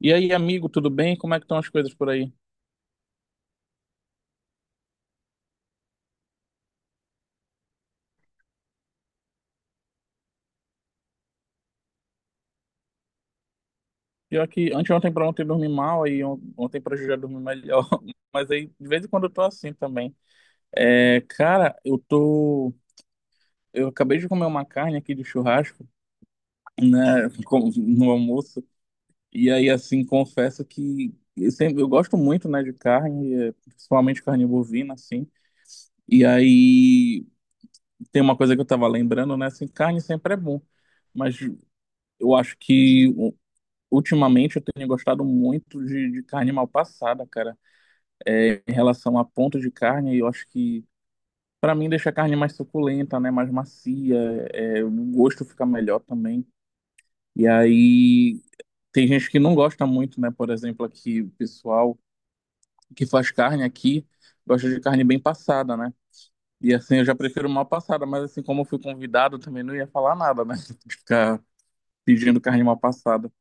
E aí, amigo, tudo bem? Como é que estão as coisas por aí? Pior que anteontem pra ontem eu dormi mal, ontem pra hoje eu já dormi melhor. Mas aí, de vez em quando eu tô assim também. É, cara, eu tô... Eu acabei de comer uma carne aqui de churrasco, né, no almoço. E aí, assim, confesso que eu sempre... Eu gosto muito, né, de carne, é, principalmente carne bovina, assim. E aí, tem uma coisa que eu tava lembrando, né, assim, carne sempre é bom. Mas eu acho que ultimamente eu tenho gostado muito de carne mal passada, cara. É, em relação a ponto de carne, eu acho que pra mim deixa a carne mais suculenta, né? Mais macia, é, o gosto fica melhor também. E aí tem gente que não gosta muito, né? Por exemplo, aqui o pessoal que faz carne aqui gosta de carne bem passada, né? E assim eu já prefiro mal passada, mas assim como eu fui convidado também não ia falar nada, né? De ficar pedindo carne mal passada.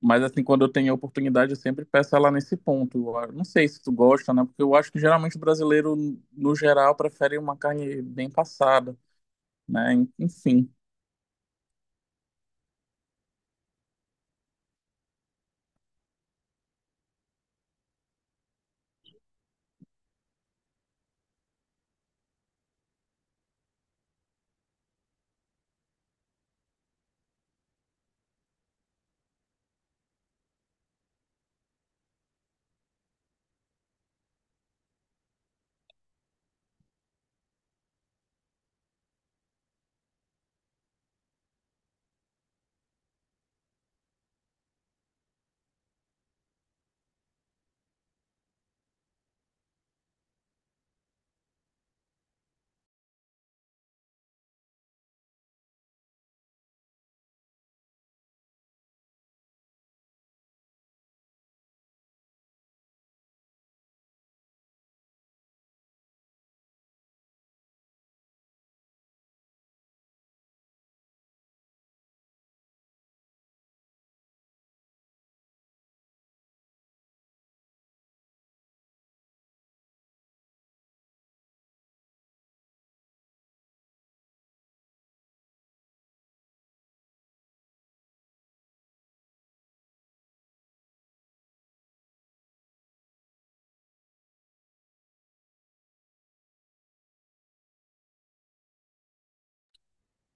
Mas assim, quando eu tenho a oportunidade, eu sempre peço ela nesse ponto. Eu não sei se tu gosta, né? Porque eu acho que geralmente o brasileiro, no geral, prefere uma carne bem passada, né? Enfim.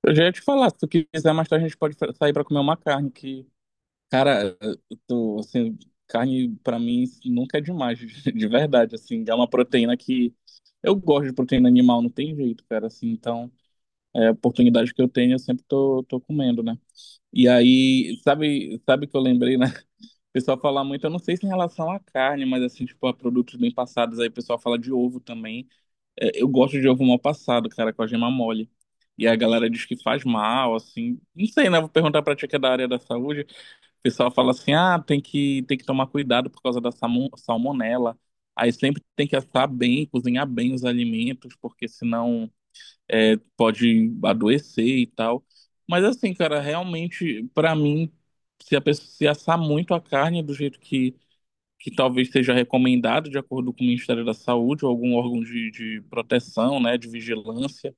Eu já ia te falar, se tu quiser mais tarde, a gente pode sair para comer uma carne que, cara, eu tô, assim, carne para mim nunca é demais, de verdade, assim, é uma proteína que eu gosto de proteína animal, não tem jeito, cara, assim, então, é a oportunidade que eu tenho, eu sempre tô, tô comendo, né? E aí, sabe, sabe que eu lembrei, né? O pessoal fala muito, eu não sei se em relação à carne, mas assim, tipo, a produtos bem passados, aí o pessoal fala de ovo também. É, eu gosto de ovo mal passado, cara, com a gema mole. E a galera diz que faz mal, assim. Não sei, né? Vou perguntar pra tia que é da área da saúde. O pessoal fala assim, ah, tem que tomar cuidado por causa da salmonela. Aí sempre tem que assar bem, cozinhar bem os alimentos, porque senão é, pode adoecer e tal. Mas assim, cara, realmente, pra mim, se a pessoa se assar muito a carne do jeito que talvez seja recomendado de acordo com o Ministério da Saúde ou algum órgão de proteção, né, de vigilância,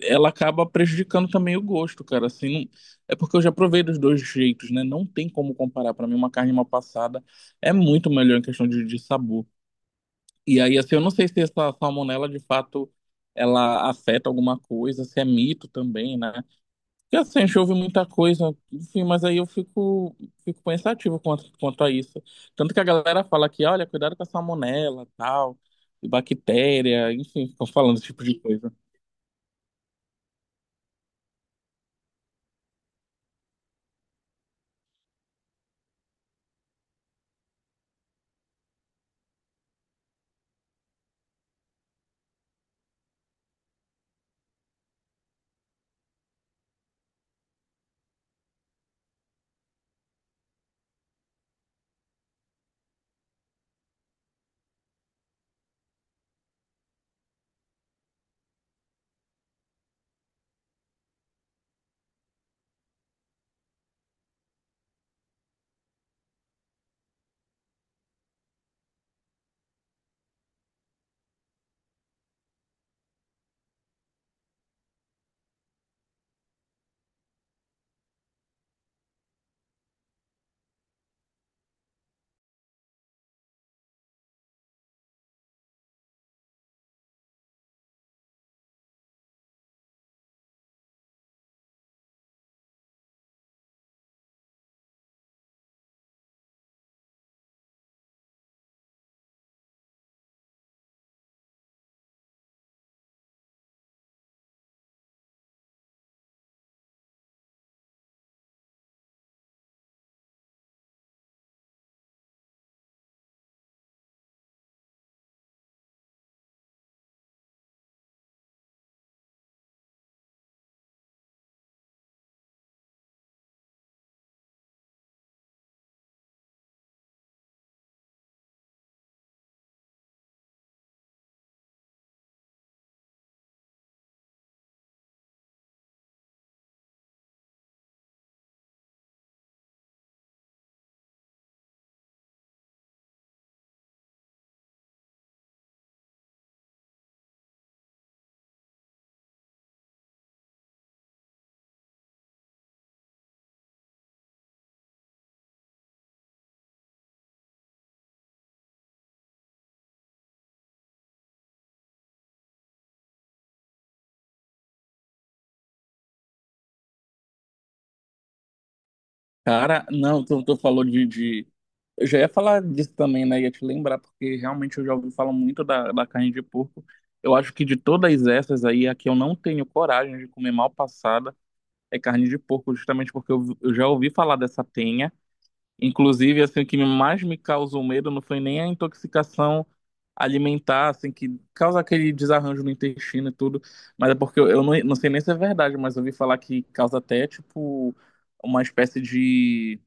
ela acaba prejudicando também o gosto, cara. Assim, não, é porque eu já provei dos dois jeitos, né? Não tem como comparar. Para mim, uma carne mal passada é muito melhor em questão de sabor. E aí, assim, eu não sei se essa salmonela de fato ela afeta alguma coisa, se é mito também, né? Porque assim, a gente ouve muita coisa, enfim, mas aí eu fico, fico pensativo quanto a isso. Tanto que a galera fala que, olha, cuidado com a salmonela, tal, e bactéria, enfim, ficam falando esse tipo de coisa. Cara, não, tu falou de... Eu já ia falar disso também, né? Ia te lembrar, porque realmente eu já ouvi falar muito da, da carne de porco. Eu acho que de todas essas aí, a que eu não tenho coragem de comer mal passada é carne de porco, justamente porque eu já ouvi falar dessa tenha. Inclusive, assim, o que mais me causou medo não foi nem a intoxicação alimentar, assim, que causa aquele desarranjo no intestino e tudo, mas é porque eu não, não sei nem se é verdade, mas eu ouvi falar que causa até, tipo, uma espécie de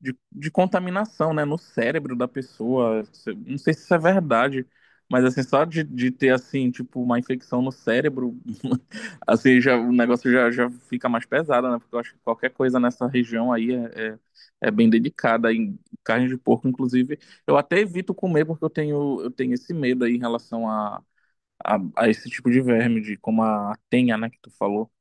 de contaminação, né, no cérebro da pessoa. Se... não sei se isso é verdade, mas assim, só de ter assim, tipo, uma infecção no cérebro, assim, já, o negócio já, já fica mais pesado, né? Porque eu acho que qualquer coisa nessa região aí é, é, é bem delicada. Em carne de porco, inclusive, eu até evito comer porque eu tenho esse medo aí em relação a esse tipo de verme, de como a tenha, né, que tu falou.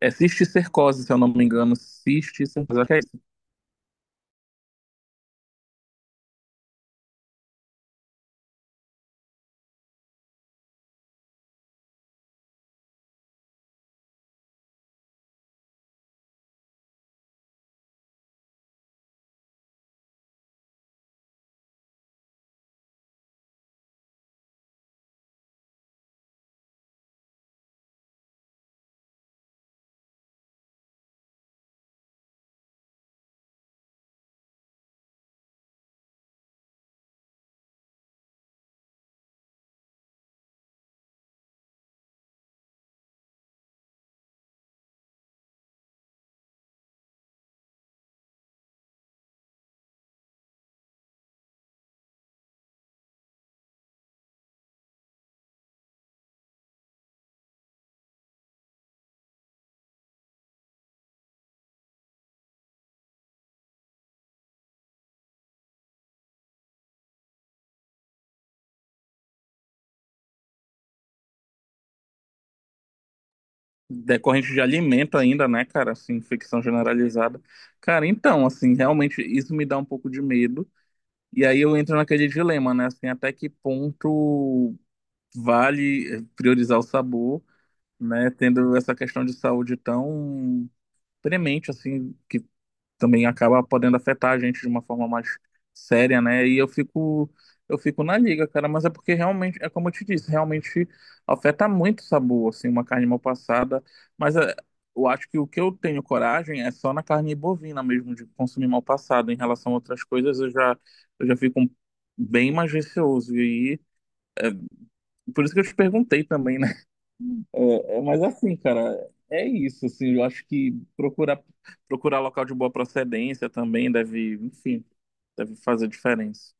É cisticercose, se eu não me engano, cisticercose, acho que é decorrente de alimento ainda, né, cara? Assim, infecção generalizada. Cara, então, assim, realmente isso me dá um pouco de medo. E aí eu entro naquele dilema, né? Assim, até que ponto vale priorizar o sabor, né? Tendo essa questão de saúde tão premente, assim, que também acaba podendo afetar a gente de uma forma mais séria, né? E eu fico na liga, cara, mas é porque realmente, é como eu te disse, realmente afeta muito o sabor, assim, uma carne mal passada, mas é, eu acho que o que eu tenho coragem é só na carne bovina mesmo de consumir mal passado, em relação a outras coisas eu já fico um, bem mais receoso e aí, por isso que eu te perguntei também, né? É, é, mas assim, cara, é isso, assim, eu acho que procurar procurar local de boa procedência também deve, enfim, deve fazer diferença.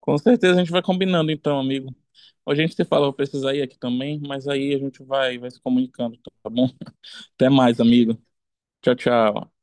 Com certeza a gente vai combinando então, amigo. Hoje a gente se fala, eu vou precisar ir aqui também, mas aí a gente vai, vai se comunicando, tá bom? Até mais, amigo. Tchau, tchau.